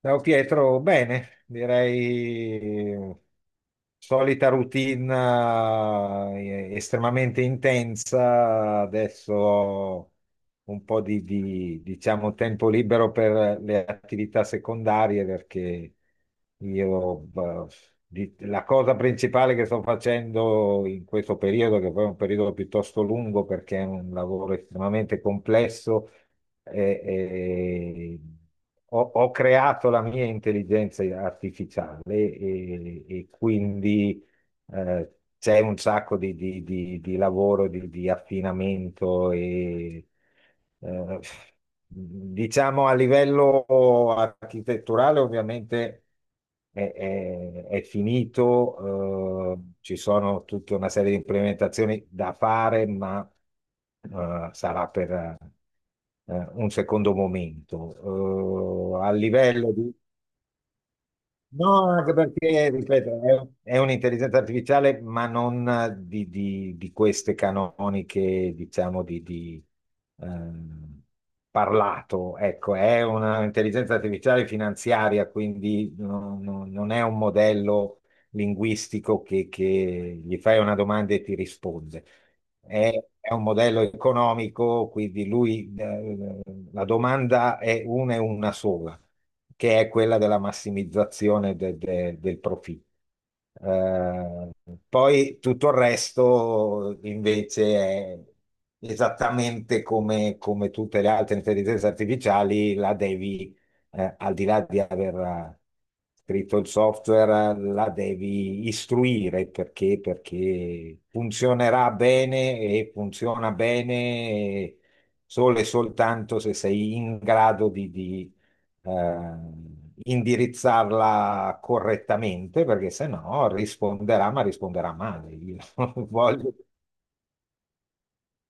Ciao Pietro, bene, direi solita routine estremamente intensa. Adesso ho un po' di, diciamo, tempo libero per le attività secondarie, perché io beh, la cosa principale che sto facendo in questo periodo, che poi è un periodo piuttosto lungo perché è un lavoro estremamente complesso, eh, eh, ho creato la mia intelligenza artificiale, e quindi c'è un sacco di lavoro, di affinamento. E eh, diciamo, a livello architetturale ovviamente è finito. Ci sono tutta una serie di implementazioni da fare, ma sarà per un secondo momento. A livello di. No, anche perché, ripeto, è un'intelligenza artificiale, ma non di queste canoniche, diciamo, ehm, parlato. Ecco, è un'intelligenza artificiale finanziaria, quindi non è un modello linguistico che, gli fai una domanda e ti risponde. È, è un modello economico, quindi lui, la domanda è una e una sola, che è quella della massimizzazione del profitto. Eh, Poi tutto il resto invece è esattamente come, tutte le altre intelligenze artificiali. La devi, al di là di aver scritto il software, la devi istruire, perché, funzionerà bene. E funziona bene solo e soltanto se sei in grado eh, indirizzarla correttamente, perché se no risponderà, ma risponderà male. Io non voglio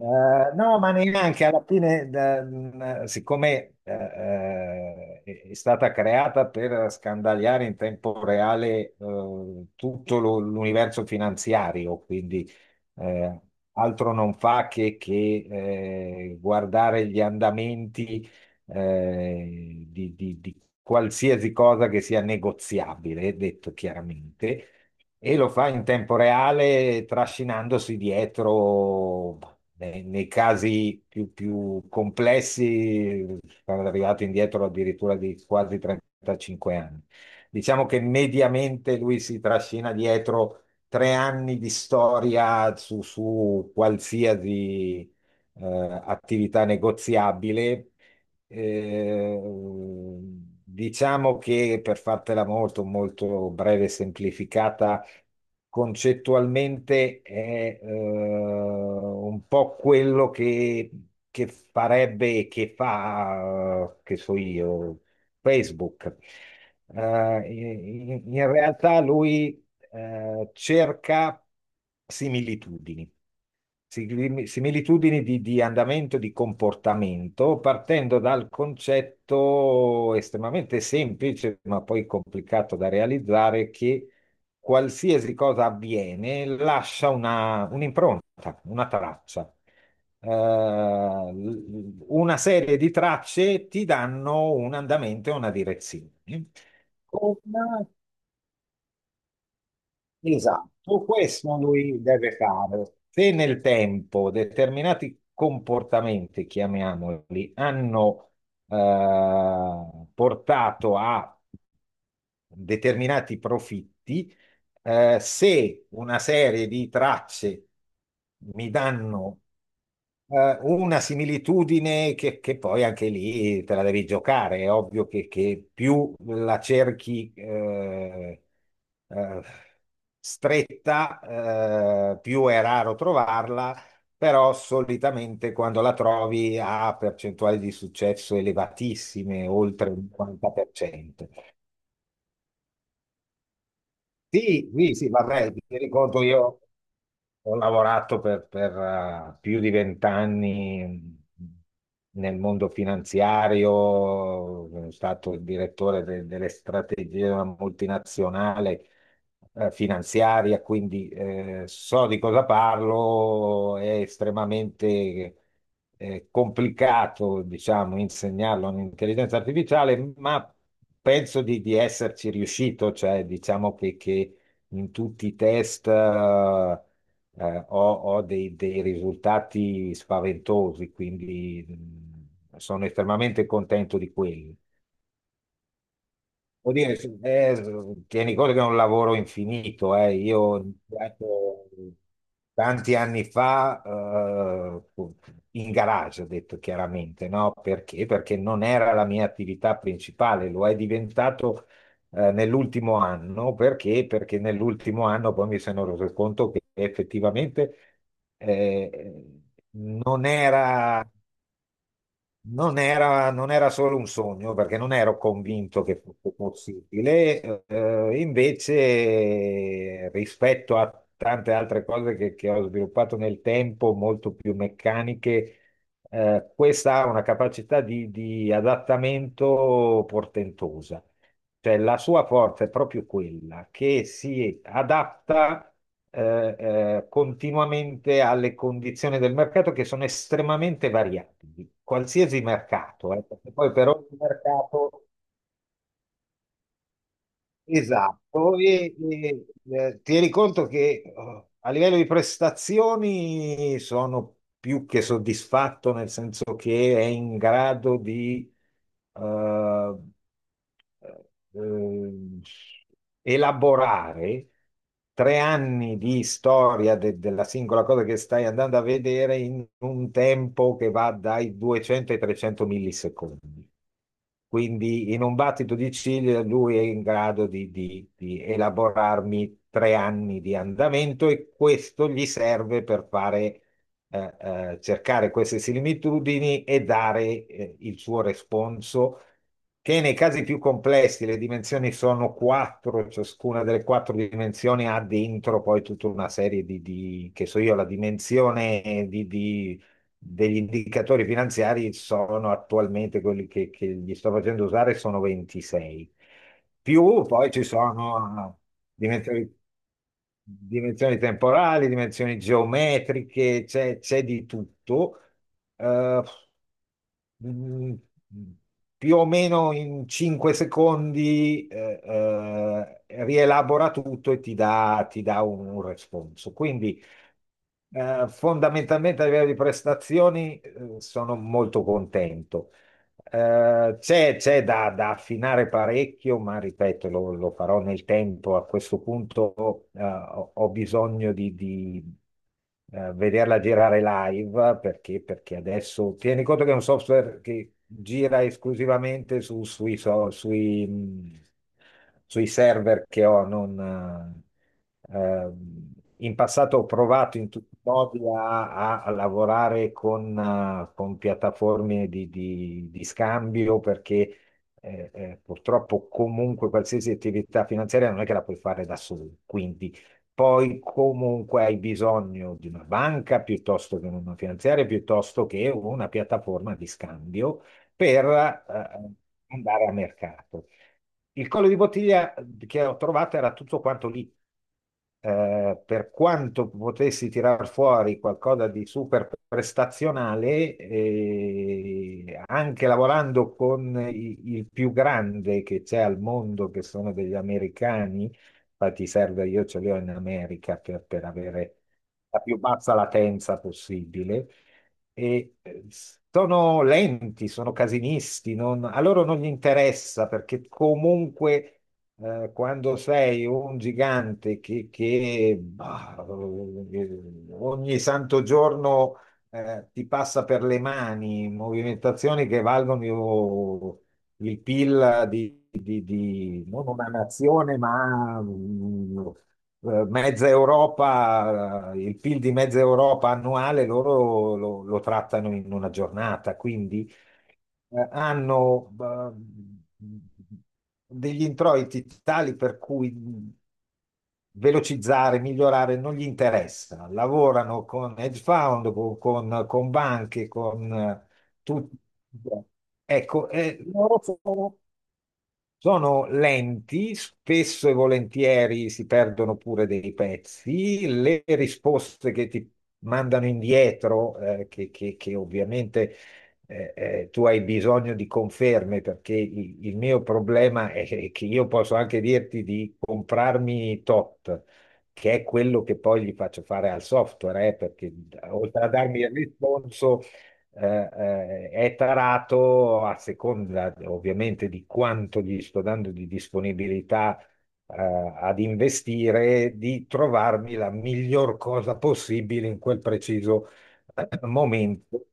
eh, no, ma neanche alla fine. Siccome è stata creata per scandagliare in tempo reale tutto l'universo finanziario. Quindi eh, altro non fa che, guardare gli andamenti di qualsiasi cosa che sia negoziabile, detto chiaramente. E lo fa in tempo reale, trascinandosi dietro, nei casi più complessi, sono arrivato indietro addirittura di quasi 35 anni. Diciamo che mediamente lui si trascina dietro 3 anni di storia su qualsiasi eh, attività negoziabile. eh, diciamo che, per fartela molto, molto breve e semplificata, concettualmente è un po' quello che, farebbe e che fa, che so io, Facebook. In realtà lui cerca similitudini. Similitudini di andamento, di comportamento, partendo dal concetto estremamente semplice, ma poi complicato da realizzare, che qualsiasi cosa avviene lascia un'impronta, una traccia. Una serie di tracce ti danno un andamento e una direzione. Con Esatto, questo lui deve fare. Se nel tempo determinati comportamenti, chiamiamoli, hanno portato a determinati profitti, se una serie di tracce mi danno una similitudine che, poi anche lì te la devi giocare, è ovvio che, più la cerchi eh, stretta, più è raro trovarla. Però solitamente, quando la trovi, ha percentuali di successo elevatissime, oltre il 50%. Sì, sì, sì, vabbè, ti rendi conto. Io ho lavorato più di vent'anni nel mondo finanziario. Sono stato il direttore delle strategie di una multinazionale finanziaria. Quindi so di cosa parlo. È estremamente complicato, diciamo, insegnarlo all'intelligenza artificiale, ma penso di esserci riuscito. Cioè, diciamo che, in tutti i test ho dei, risultati spaventosi. Quindi sono estremamente contento di quello. Vuol dire, sì, tieni conto che è un lavoro infinito, eh. Io ho iniziato tanti anni fa, in garage, ho detto chiaramente, no? Perché? Perché non era la mia attività principale, lo è diventato nell'ultimo anno. Perché? Perché nell'ultimo anno poi mi sono reso conto che effettivamente eh, non era. Non era, non era solo un sogno, perché non ero convinto che fosse possibile. Invece rispetto a tante altre cose che, ho sviluppato nel tempo, molto più meccaniche, questa ha una capacità di adattamento portentosa. Cioè, la sua forza è proprio quella, che si adatta continuamente alle condizioni del mercato, che sono estremamente variabili. Qualsiasi mercato, perché poi per ogni mercato. Esatto, e, tieni conto che a livello di prestazioni sono più che soddisfatto, nel senso che è in grado di eh, eh, elaborare 3 anni di storia della singola cosa che stai andando a vedere, in un tempo che va dai 200 ai 300 millisecondi. Quindi in un battito di ciglia lui è in grado di elaborarmi 3 anni di andamento, e questo gli serve per fare, cercare queste similitudini e dare, il suo responso, che nei casi più complessi le dimensioni sono quattro. Ciascuna delle quattro dimensioni ha dentro poi tutta una serie di che so io, la dimensione di degli indicatori finanziari. Sono attualmente quelli che, gli sto facendo usare, sono 26. Più poi ci sono dimensioni, dimensioni temporali, dimensioni geometriche. C'è di tutto. Eh, mm, Più o meno in 5 secondi rielabora tutto e ti dà, un responso. Quindi fondamentalmente a livello di prestazioni sono molto contento. C'è da affinare parecchio, ma ripeto, lo farò nel tempo. A questo punto ho bisogno di, vederla girare live, perché, adesso tieni conto che è un software che gira esclusivamente sui, sui server che ho. Non, eh, ehm, in passato ho provato in tutti i modi a, lavorare con piattaforme di scambio, perché purtroppo comunque qualsiasi attività finanziaria non è che la puoi fare da solo. Quindi poi comunque hai bisogno di una banca, piuttosto che una finanziaria, piuttosto che una piattaforma di scambio, per andare a mercato. Il collo di bottiglia che ho trovato era tutto quanto lì, per quanto potessi tirar fuori qualcosa di super prestazionale. Eh, anche lavorando con il più grande che c'è al mondo, che sono degli americani. Infatti serve, io ce li ho in America per, avere la più bassa latenza possibile. E sono lenti, sono casinisti, non- a loro non gli interessa, perché comunque quando sei un gigante che, bah, eh, ogni santo giorno ti passa per le mani movimentazioni che valgono il PIL di non una nazione, ma mezza Europa. Eh, il PIL di mezza Europa annuale, loro lo trattano in una giornata. Quindi hanno degli introiti tali per cui velocizzare, migliorare non gli interessa. Lavorano con hedge fund, con, con banche, con tutti. Ecco, loro sono lenti, spesso e volentieri si perdono pure dei pezzi. Le risposte che ti mandano indietro, che, che ovviamente tu hai bisogno di conferme, perché il mio problema è che io posso anche dirti di comprarmi tot, che è quello che poi gli faccio fare al software, perché oltre a darmi il responso è tarato, a seconda ovviamente di quanto gli sto dando di disponibilità eh, ad investire, di trovarmi la miglior cosa possibile in quel preciso momento.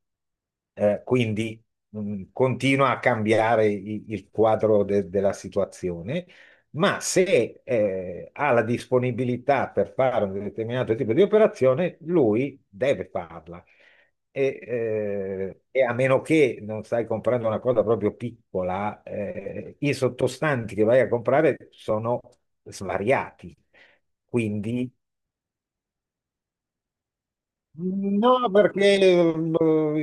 Quindi continua a cambiare il quadro della situazione, ma se ha la disponibilità per fare un determinato tipo di operazione, lui deve farla. E a meno che non stai comprando una cosa proprio piccola, i sottostanti che vai a comprare sono svariati. Quindi, no, perché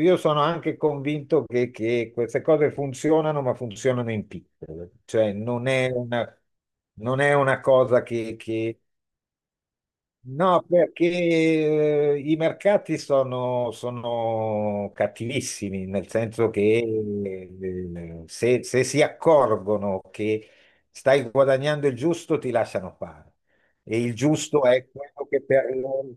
io sono anche convinto che, queste cose funzionano, ma funzionano in piccolo. Cioè, non è una cosa che, no, perché i mercati sono cattivissimi, nel senso che se, si accorgono che stai guadagnando il giusto, ti lasciano fare. E il giusto è quello che per loro,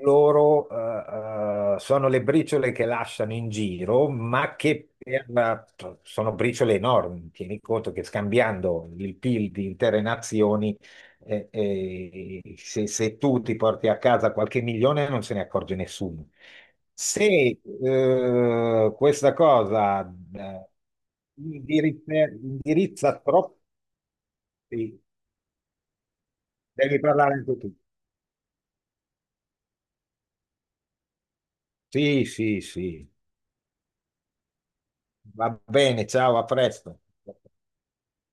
sono le briciole che lasciano in giro, ma sono briciole enormi. Tieni conto che, scambiando il PIL di intere nazioni, e se, tu ti porti a casa qualche milione, non se ne accorge nessuno. Se questa cosa eh, indirizza, indirizza troppi, devi parlare anche tu. Sì, sì, sì. Va bene, ciao, a presto.